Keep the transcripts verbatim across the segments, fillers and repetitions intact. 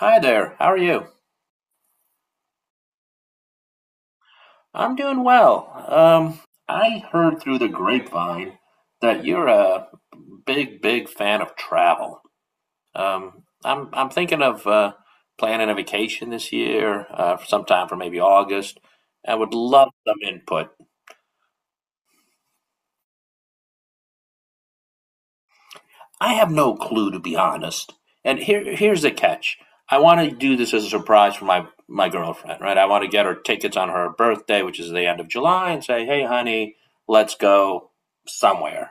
Hi there, how are you? I'm doing well. Um, I heard through the grapevine that you're a big, big fan of travel. Um, I'm I'm thinking of uh, planning a vacation this year, uh, sometime for maybe August. I would love some input. I have no clue, to be honest. And here, here's the catch. I want to do this as a surprise for my my girlfriend, right? I want to get her tickets on her birthday, which is the end of July, and say, "Hey, honey, let's go somewhere."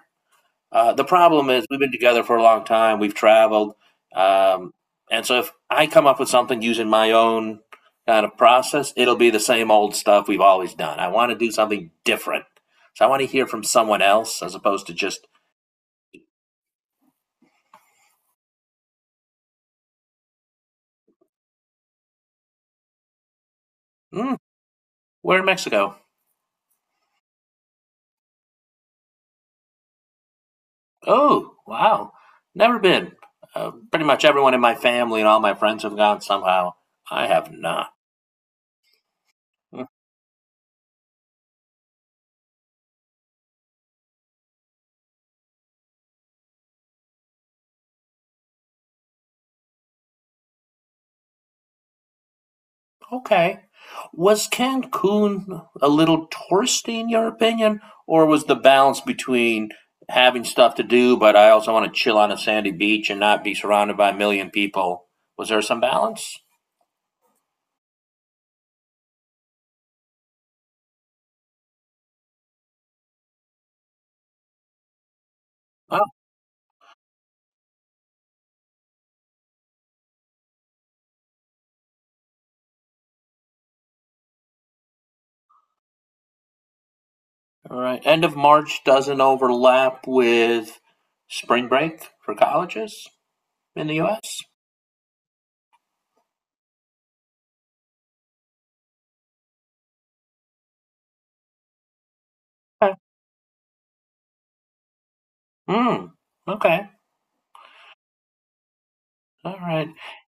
Uh, the problem is, we've been together for a long time. We've traveled, um, and so if I come up with something using my own kind of process, it'll be the same old stuff we've always done. I want to do something different, so I want to hear from someone else as opposed to just. Mm. "We're in Mexico." Oh, wow. Never been. Uh, pretty much everyone in my family and all my friends have gone somehow. I have not. Hmm. Okay. Was Cancun a little touristy in your opinion, or was the balance between having stuff to do, but I also want to chill on a sandy beach and not be surrounded by a million people? Was there some balance? Oh, all right. End of March doesn't overlap with spring break for colleges in the U S. Okay. Mm, okay. All right.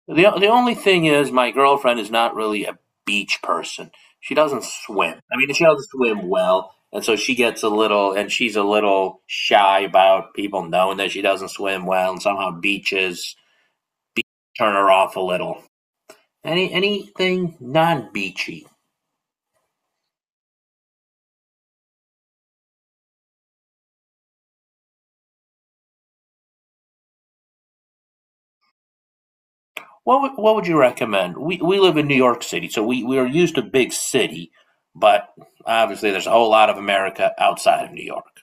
The the only thing is my girlfriend is not really a beach person. She doesn't swim. I mean, she doesn't swim well, and so she gets a little and she's a little shy about people knowing that she doesn't swim well, and somehow beaches turn her off a little. Any anything non-beachy. What would, what would you recommend? We we live in New York City, so we we are used to big city, but obviously there's a whole lot of America outside of New York.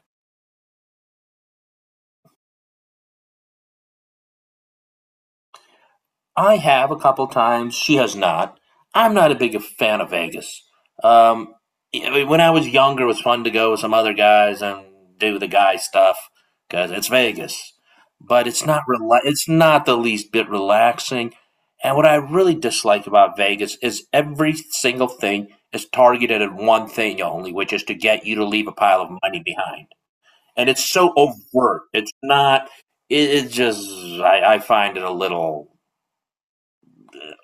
I have a couple times. She has not. I'm not a big fan of Vegas. Um, yeah, I mean, when I was younger, it was fun to go with some other guys and do the guy stuff because it's Vegas. But it's not rela- it's not the least bit relaxing. And what I really dislike about Vegas is every single thing is targeted at one thing only, which is to get you to leave a pile of money behind. And it's so overt. It's not. It, it just. I, I find it a little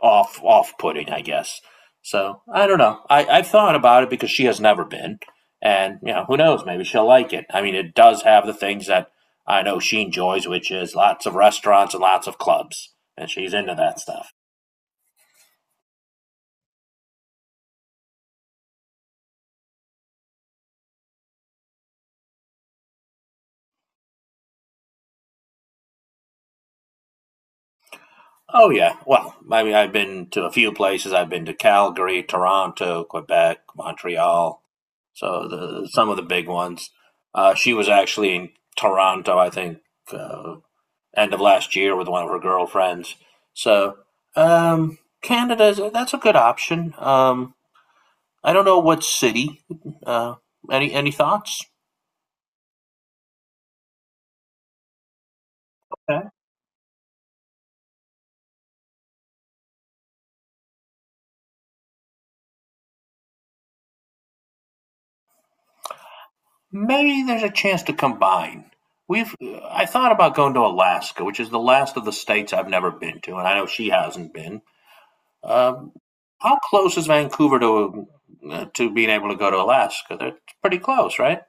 off off putting, I guess. So I don't know. I, I've thought about it because she has never been, and you know who knows? Maybe she'll like it. I mean, it does have the things that I know she enjoys, which is lots of restaurants and lots of clubs, and she's into that stuff. Oh yeah. Well, I mean, I've been to a few places. I've been to Calgary, Toronto, Quebec, Montreal. So the some of the big ones. Uh, she was actually in Toronto, I think, uh, end of last year with one of her girlfriends. So um, Canada, that's a good option. Um, I don't know what city. Uh, any any thoughts? Okay. Maybe there's a chance to combine. We've I thought about going to Alaska, which is the last of the states I've never been to, and I know she hasn't been. Um, how close is Vancouver to uh, to being able to go to Alaska? That's pretty close, right?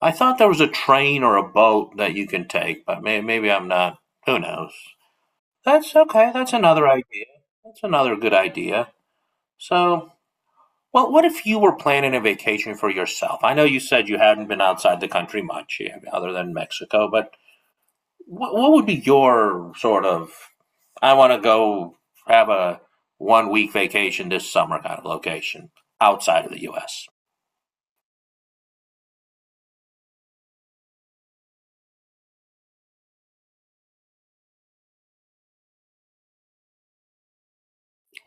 I thought there was a train or a boat that you can take, but may, maybe I'm not. Who knows? That's okay. That's another idea. That's another good idea. So, well, what if you were planning a vacation for yourself? I know you said you hadn't been outside the country much, yeah, other than Mexico, but what, what would be your sort of, I want to go have a one week vacation this summer kind of location outside of the U S?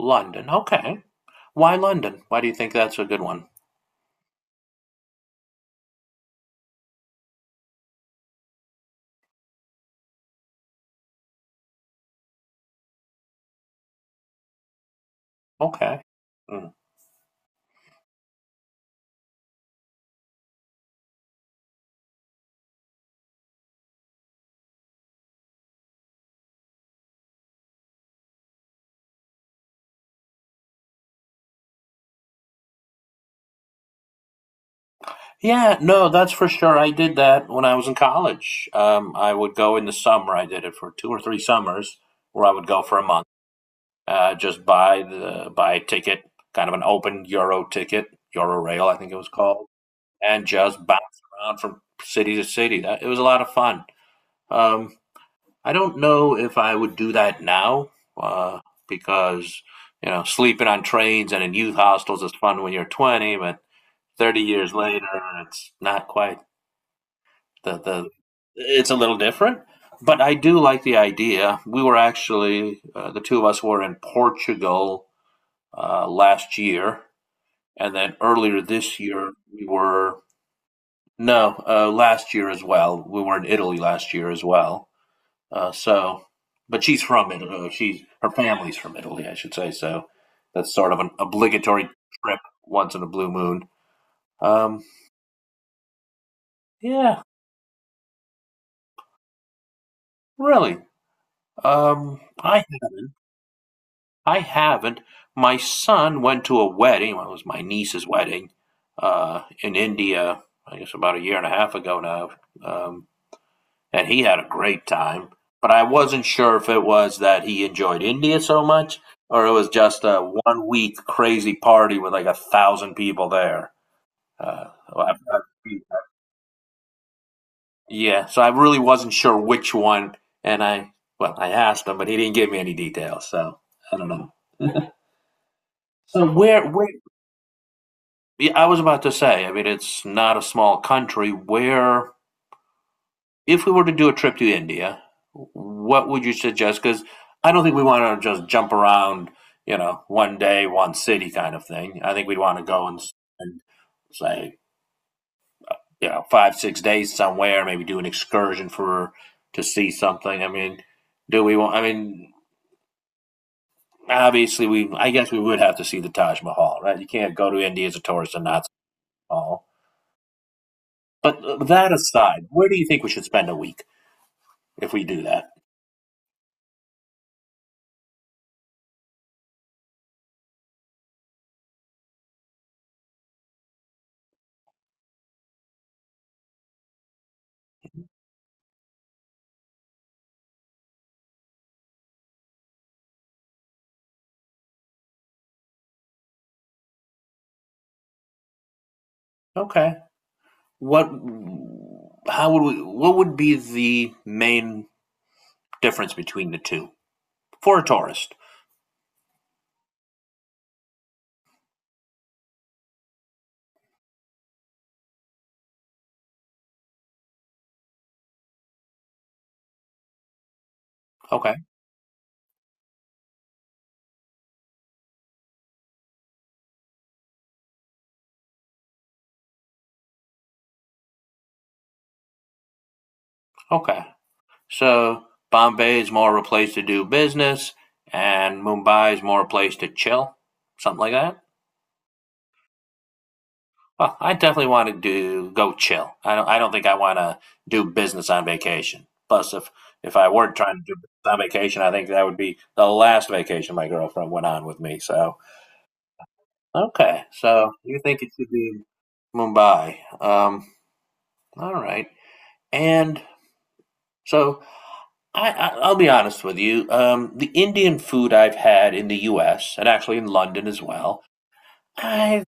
London. Okay. Why London? Why do you think that's a good one? Okay. Mm. Yeah, no, that's for sure. I did that when I was in college. Um, I would go in the summer. I did it for two or three summers, where I would go for a month, uh, just buy the buy a ticket, kind of an open Euro ticket, Euro Rail, I think it was called, and just bounce around from city to city. That, it was a lot of fun. Um, I don't know if I would do that now, uh, because you know, sleeping on trains and in youth hostels is fun when you're twenty, but thirty years later, it's not quite. The, the It's a little different, but I do like the idea. We were actually uh, the two of us were in Portugal uh, last year, and then earlier this year we were no, uh, last year as well we were in Italy last year as well, uh, so. But she's from Italy, uh, she's her family's from Italy I should say, so that's sort of an obligatory trip once in a blue moon. um, yeah. Really? um, i haven't I haven't. My son went to a wedding, well, it was my niece's wedding, uh, in India, I guess about a year and a half ago now, um, and he had a great time. But I wasn't sure if it was that he enjoyed India so much or it was just a one week crazy party with like a thousand people there. Uh, well, yeah, so I really wasn't sure which one. And I, well, I asked him, but he didn't give me any details. So I don't know. So where, where. Yeah, I was about to say, I mean, it's not a small country. Where, if we were to do a trip to India, what would you suggest? Because I don't think we want to just jump around, you know, one day, one city kind of thing. I think we'd want to go and spend, say, you know, five, six days somewhere, maybe do an excursion for to see something. I mean, do we want, I mean, obviously, we, I guess we would have to see the Taj Mahal, right? You can't go to India as a tourist and not see the Taj Mahal. But uh, that aside, where do you think we should spend a week if we do that? Okay. What? How would we? What would be the main difference between the two for a tourist? Okay. Okay. So Bombay is more of a place to do business, and Mumbai is more a place to chill, something like that. Well, I definitely want to do go chill. I don't. I don't think I want to do business on vacation. Plus, if if I were trying to do business on vacation, I think that would be the last vacation my girlfriend went on with me. So okay. So you think it should be Mumbai? Um. All right. And so I, I I'll be honest with you. Um. The Indian food I've had in the U S and actually in London as well. I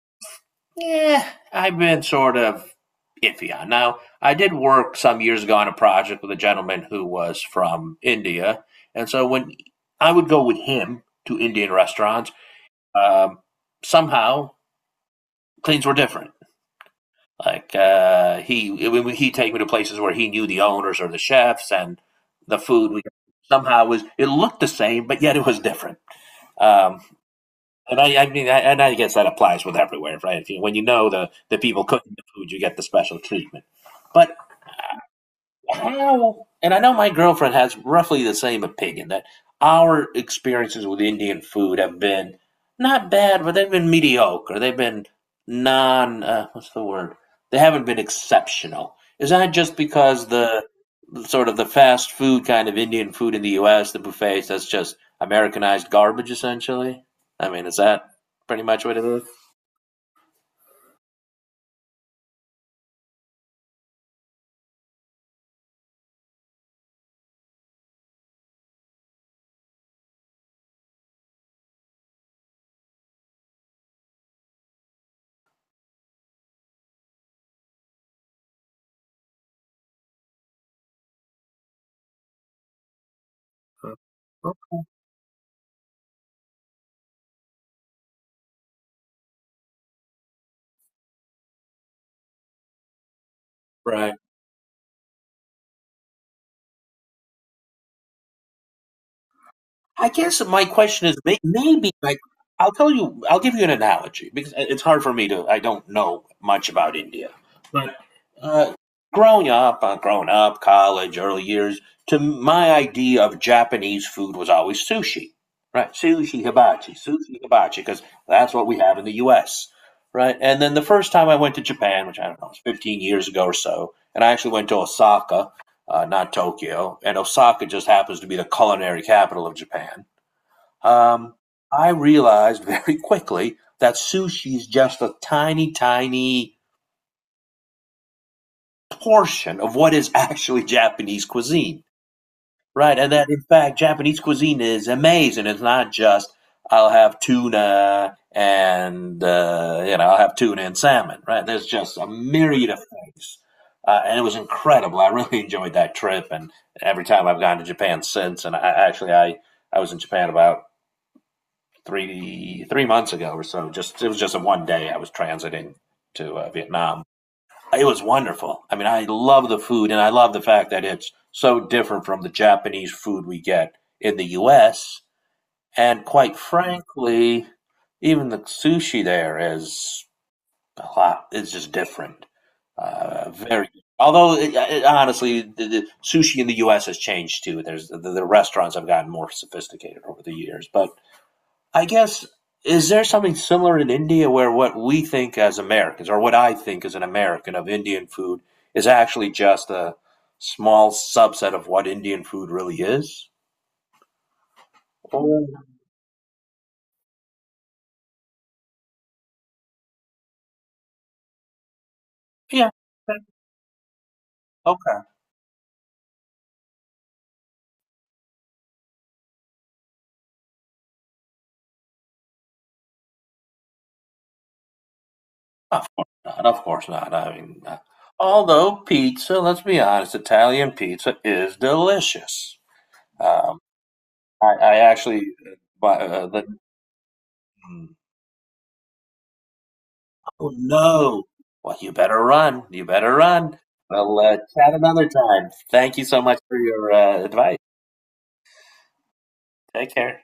Yeah, I've been sort of iffy on. Now, I did work some years ago on a project with a gentleman who was from India, and so when I would go with him to Indian restaurants, um, somehow things were different. Like uh, he, when he'd take me to places where he knew the owners or the chefs, and the food we somehow was it looked the same, but yet it was different. Um, And I, I mean, I, and I guess that applies with everywhere, right? If you, when you know the, the people cooking the food, you get the special treatment. But how and I know my girlfriend has roughly the same opinion that our experiences with Indian food have been not bad, but they've been mediocre. They've been non uh, what's the word? They haven't been exceptional. Is that just because the sort of the fast food kind of Indian food in the U S, the buffets, that's just Americanized garbage essentially? I mean, is that pretty much what it is? Oh, right. I guess my question is may- maybe like. I'll tell you I'll give you an analogy, because it's hard for me to. I don't know much about India, but uh, growing up, uh, growing up, college, early years, to my idea of Japanese food was always sushi, right? Sushi hibachi, sushi hibachi, because that's what we have in the U S. Right, and then the first time I went to Japan, which I don't know, was fifteen years ago or so, and I actually went to Osaka, uh, not Tokyo, and Osaka just happens to be the culinary capital of Japan. Um, I realized very quickly that sushi is just a tiny, tiny portion of what is actually Japanese cuisine. Right, and that in fact Japanese cuisine is amazing. It's not just I'll have tuna and uh, you know, I'll have tuna and salmon. Right, there's just a myriad of things, uh, and it was incredible. I really enjoyed that trip, and every time I've gone to Japan since. And I actually I I was in Japan about three three months ago or so. Just it was just a one day I was transiting to uh, Vietnam. It was wonderful. I mean, I love the food and I love the fact that it's so different from the Japanese food we get in the U S. And quite frankly, even the sushi there is a lot, it's just different. Uh, very, although it, uh, it, honestly, the, the sushi in the U S has changed too. There's the, the restaurants have gotten more sophisticated over the years, but I guess is there something similar in India where what we think as Americans or what I think as an American of Indian food is actually just a small subset of what Indian food really is? Or yeah, okay. Of course not. Of course not. I mean, uh, although pizza, let's be honest, Italian pizza is delicious. Um, I, I actually, uh, bu- uh, the, mm, Oh no. Well, you better run. You better run. We'll uh, chat another time. Thank you so much for your uh, advice. Take care.